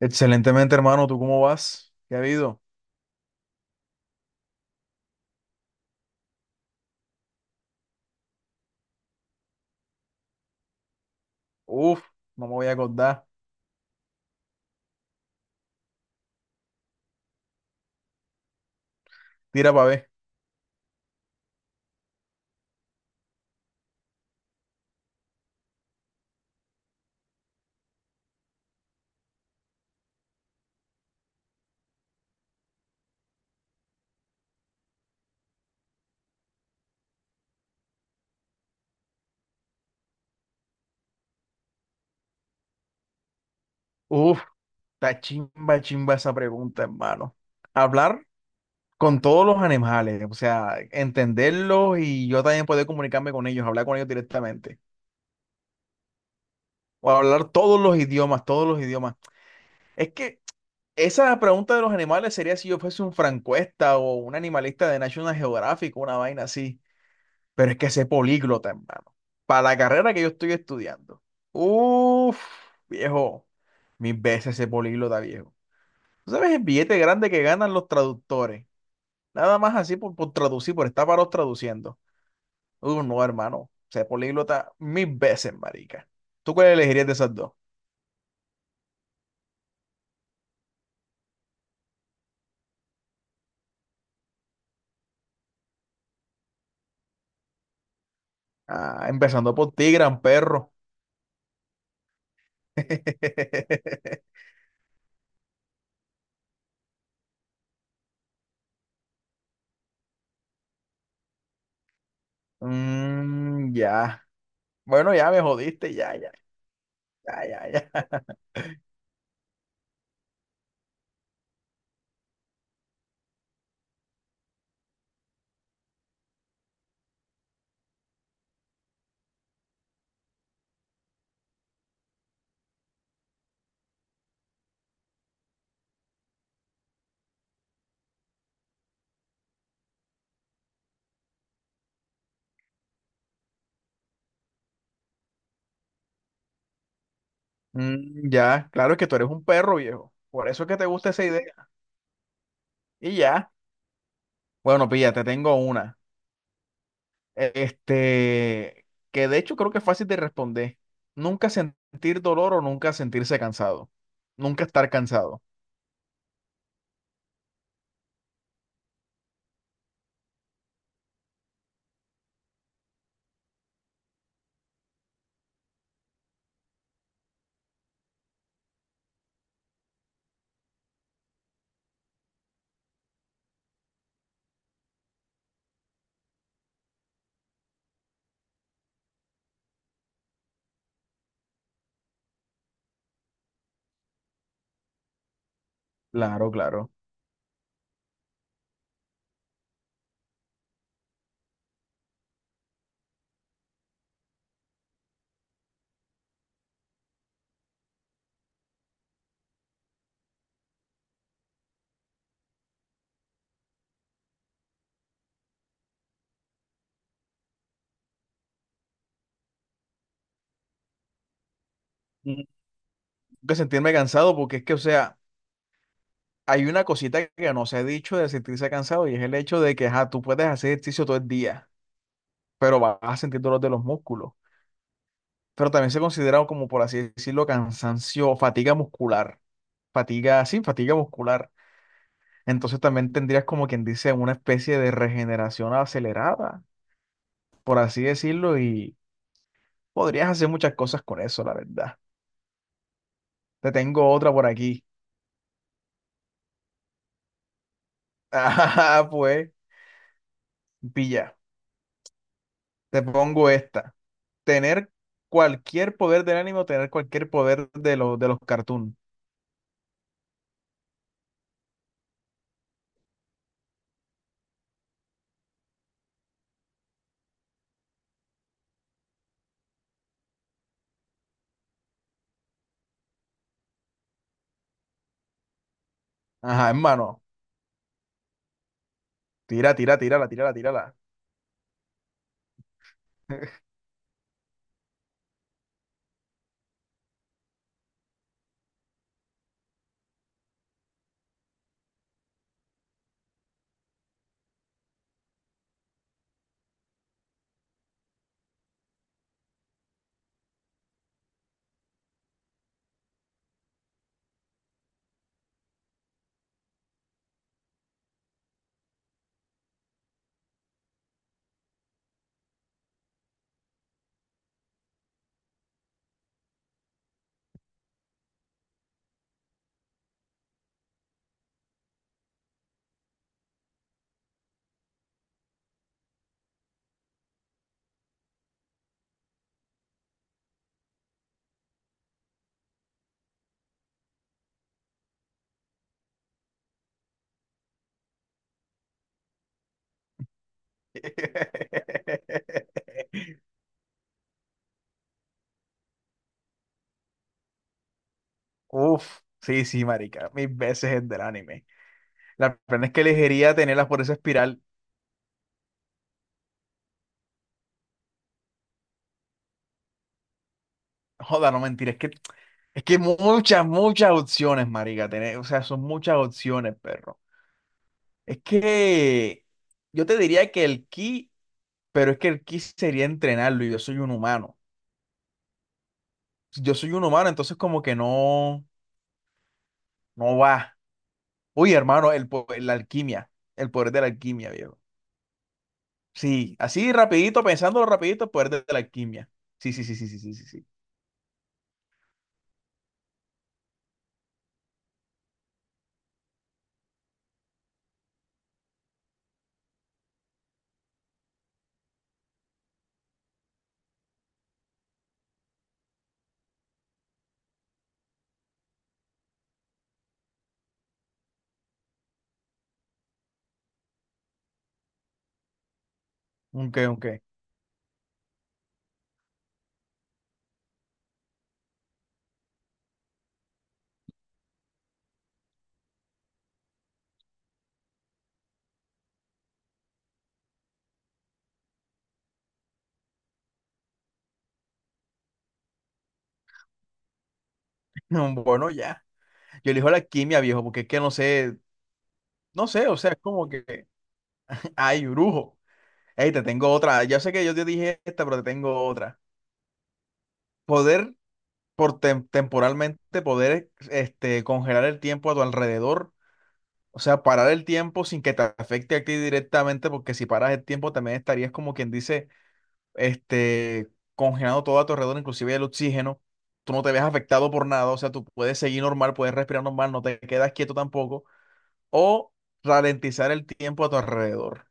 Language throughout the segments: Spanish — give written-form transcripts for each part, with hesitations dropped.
Excelentemente, hermano. ¿Tú cómo vas? ¿Qué ha habido? Uf, no me voy a acordar. Tira para ver. Uf, está chimba, chimba esa pregunta, hermano. Hablar con todos los animales, o sea, entenderlos y yo también poder comunicarme con ellos, hablar con ellos directamente. O hablar todos los idiomas, todos los idiomas. Es que esa pregunta de los animales sería si yo fuese un francuesta o un animalista de National Geographic, una vaina así. Pero es que ese políglota, hermano, para la carrera que yo estoy estudiando. Uf, viejo, mil veces ese políglota, viejo. ¿Tú sabes el billete grande que ganan los traductores? Nada más así por traducir, por estar varos traduciendo. No, hermano, ese políglota mil veces, marica. ¿Tú cuál elegirías de esas dos? Ah, empezando por ti, gran perro. Mm, ya. Bueno, ya me jodiste, ya, ya, ya, ya, ya. Mm, ya, claro es que tú eres un perro viejo. Por eso es que te gusta esa idea. Y ya. Bueno, pilla, te tengo una. Este, que de hecho creo que es fácil de responder. Nunca sentir dolor o nunca sentirse cansado. Nunca estar cansado. Claro, claro. Mm, nunca sentirme cansado porque es que, o sea, hay una cosita que no se ha dicho de sentirse cansado y es el hecho de que, ajá, tú puedes hacer ejercicio todo el día, pero vas a sentir dolor de los músculos. Pero también se considera como, por así decirlo, cansancio, o fatiga muscular. Fatiga, sí, fatiga muscular. Entonces también tendrías como quien dice una especie de regeneración acelerada, por así decirlo, y podrías hacer muchas cosas con eso, la verdad. Te tengo otra por aquí. Ah, pues, pilla, te pongo esta. Tener cualquier poder del ánimo, tener cualquier poder de los cartoons. Ajá, hermano. Tira, tira, tírala, tírala, tírala. Uf, sí, sí, marica, mil veces el del anime. La pena es que elegiría tenerlas por esa espiral. Joda, no mentir, es que muchas, muchas opciones, marica, tener, o sea, son muchas opciones, perro. Es que yo te diría que el ki, pero es que el ki sería entrenarlo y yo soy un humano. Si yo soy un humano, entonces como que no, no va. Uy, hermano, la alquimia, el poder de la alquimia, viejo. Sí, así rapidito, pensándolo rapidito, el poder de la alquimia. Sí, sí, sí, sí, sí, sí, sí, sí. Ok, ok. No, bueno, ya. Yo elijo la quimia, viejo, porque es que no sé, o sea, es como que, ay, brujo. Ey, te tengo otra. Ya sé que yo te dije esta, pero te tengo otra. Poder, por temporalmente, poder, este, congelar el tiempo a tu alrededor. O sea, parar el tiempo sin que te afecte a ti directamente, porque si paras el tiempo también estarías como quien dice, este, congelando todo a tu alrededor, inclusive el oxígeno. Tú no te ves afectado por nada, o sea, tú puedes seguir normal, puedes respirar normal, no te quedas quieto tampoco o ralentizar el tiempo a tu alrededor.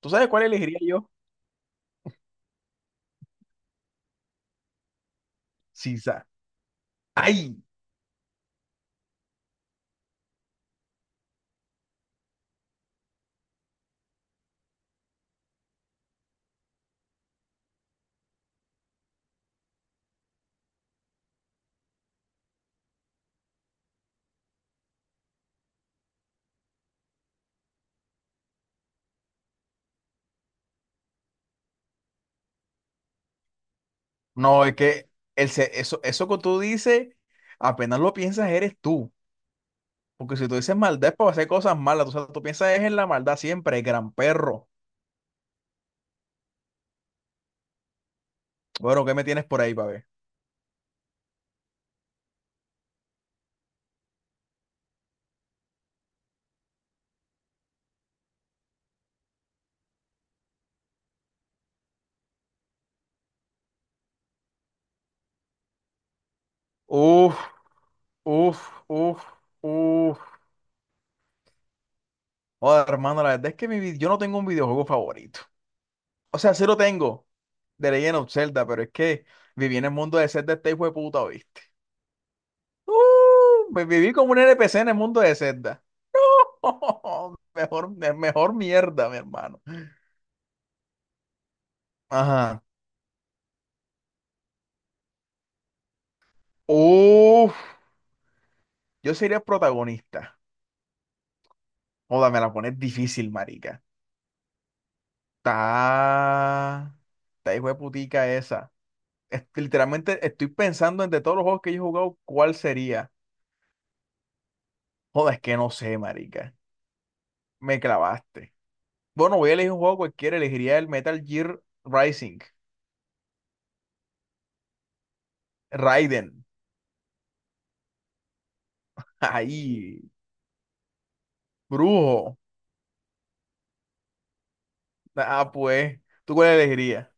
¿Tú sabes cuál elegiría yo? Sisa. Ay, no, es que eso, eso que tú dices, apenas lo piensas, eres tú. Porque si tú dices maldad es para hacer cosas malas, tú, sabes, tú piensas es en la maldad siempre, gran perro. Bueno, ¿qué me tienes por ahí, pa' ver? Uf, uf, uf, uf. Joder, hermano, la verdad es que yo no tengo un videojuego favorito. O sea, sí lo tengo, de Legend of Zelda, pero es que viví en el mundo de Zelda este hijo de puta, ¿viste? Me viví como un NPC en el mundo de Zelda. Mejor, mejor mierda, mi hermano. Ajá. Uf, yo sería el protagonista. Joda, me la pones difícil, marica. Está. Está hijo de putica esa. Literalmente estoy pensando entre todos los juegos que yo he jugado, ¿cuál sería? Joda, es que no sé, marica. Me clavaste. Bueno, voy a elegir un juego cualquiera. Elegiría el Metal Gear Rising. Raiden. Ahí, brujo. Ah, pues, ¿tú cuál elegirías?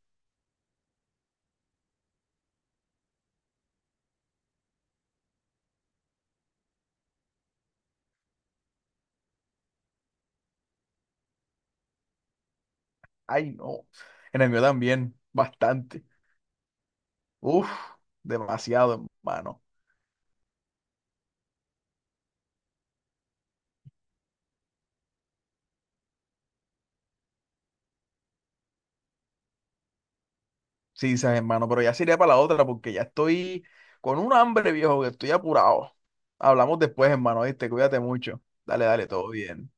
Ay, no. En el mío también, bastante. Uf, demasiado, hermano. Sí, sabes, hermano, pero ya sería para la otra porque ya estoy con un hambre, viejo, que estoy apurado. Hablamos después, hermano, ¿viste? Cuídate mucho. Dale, dale, todo bien.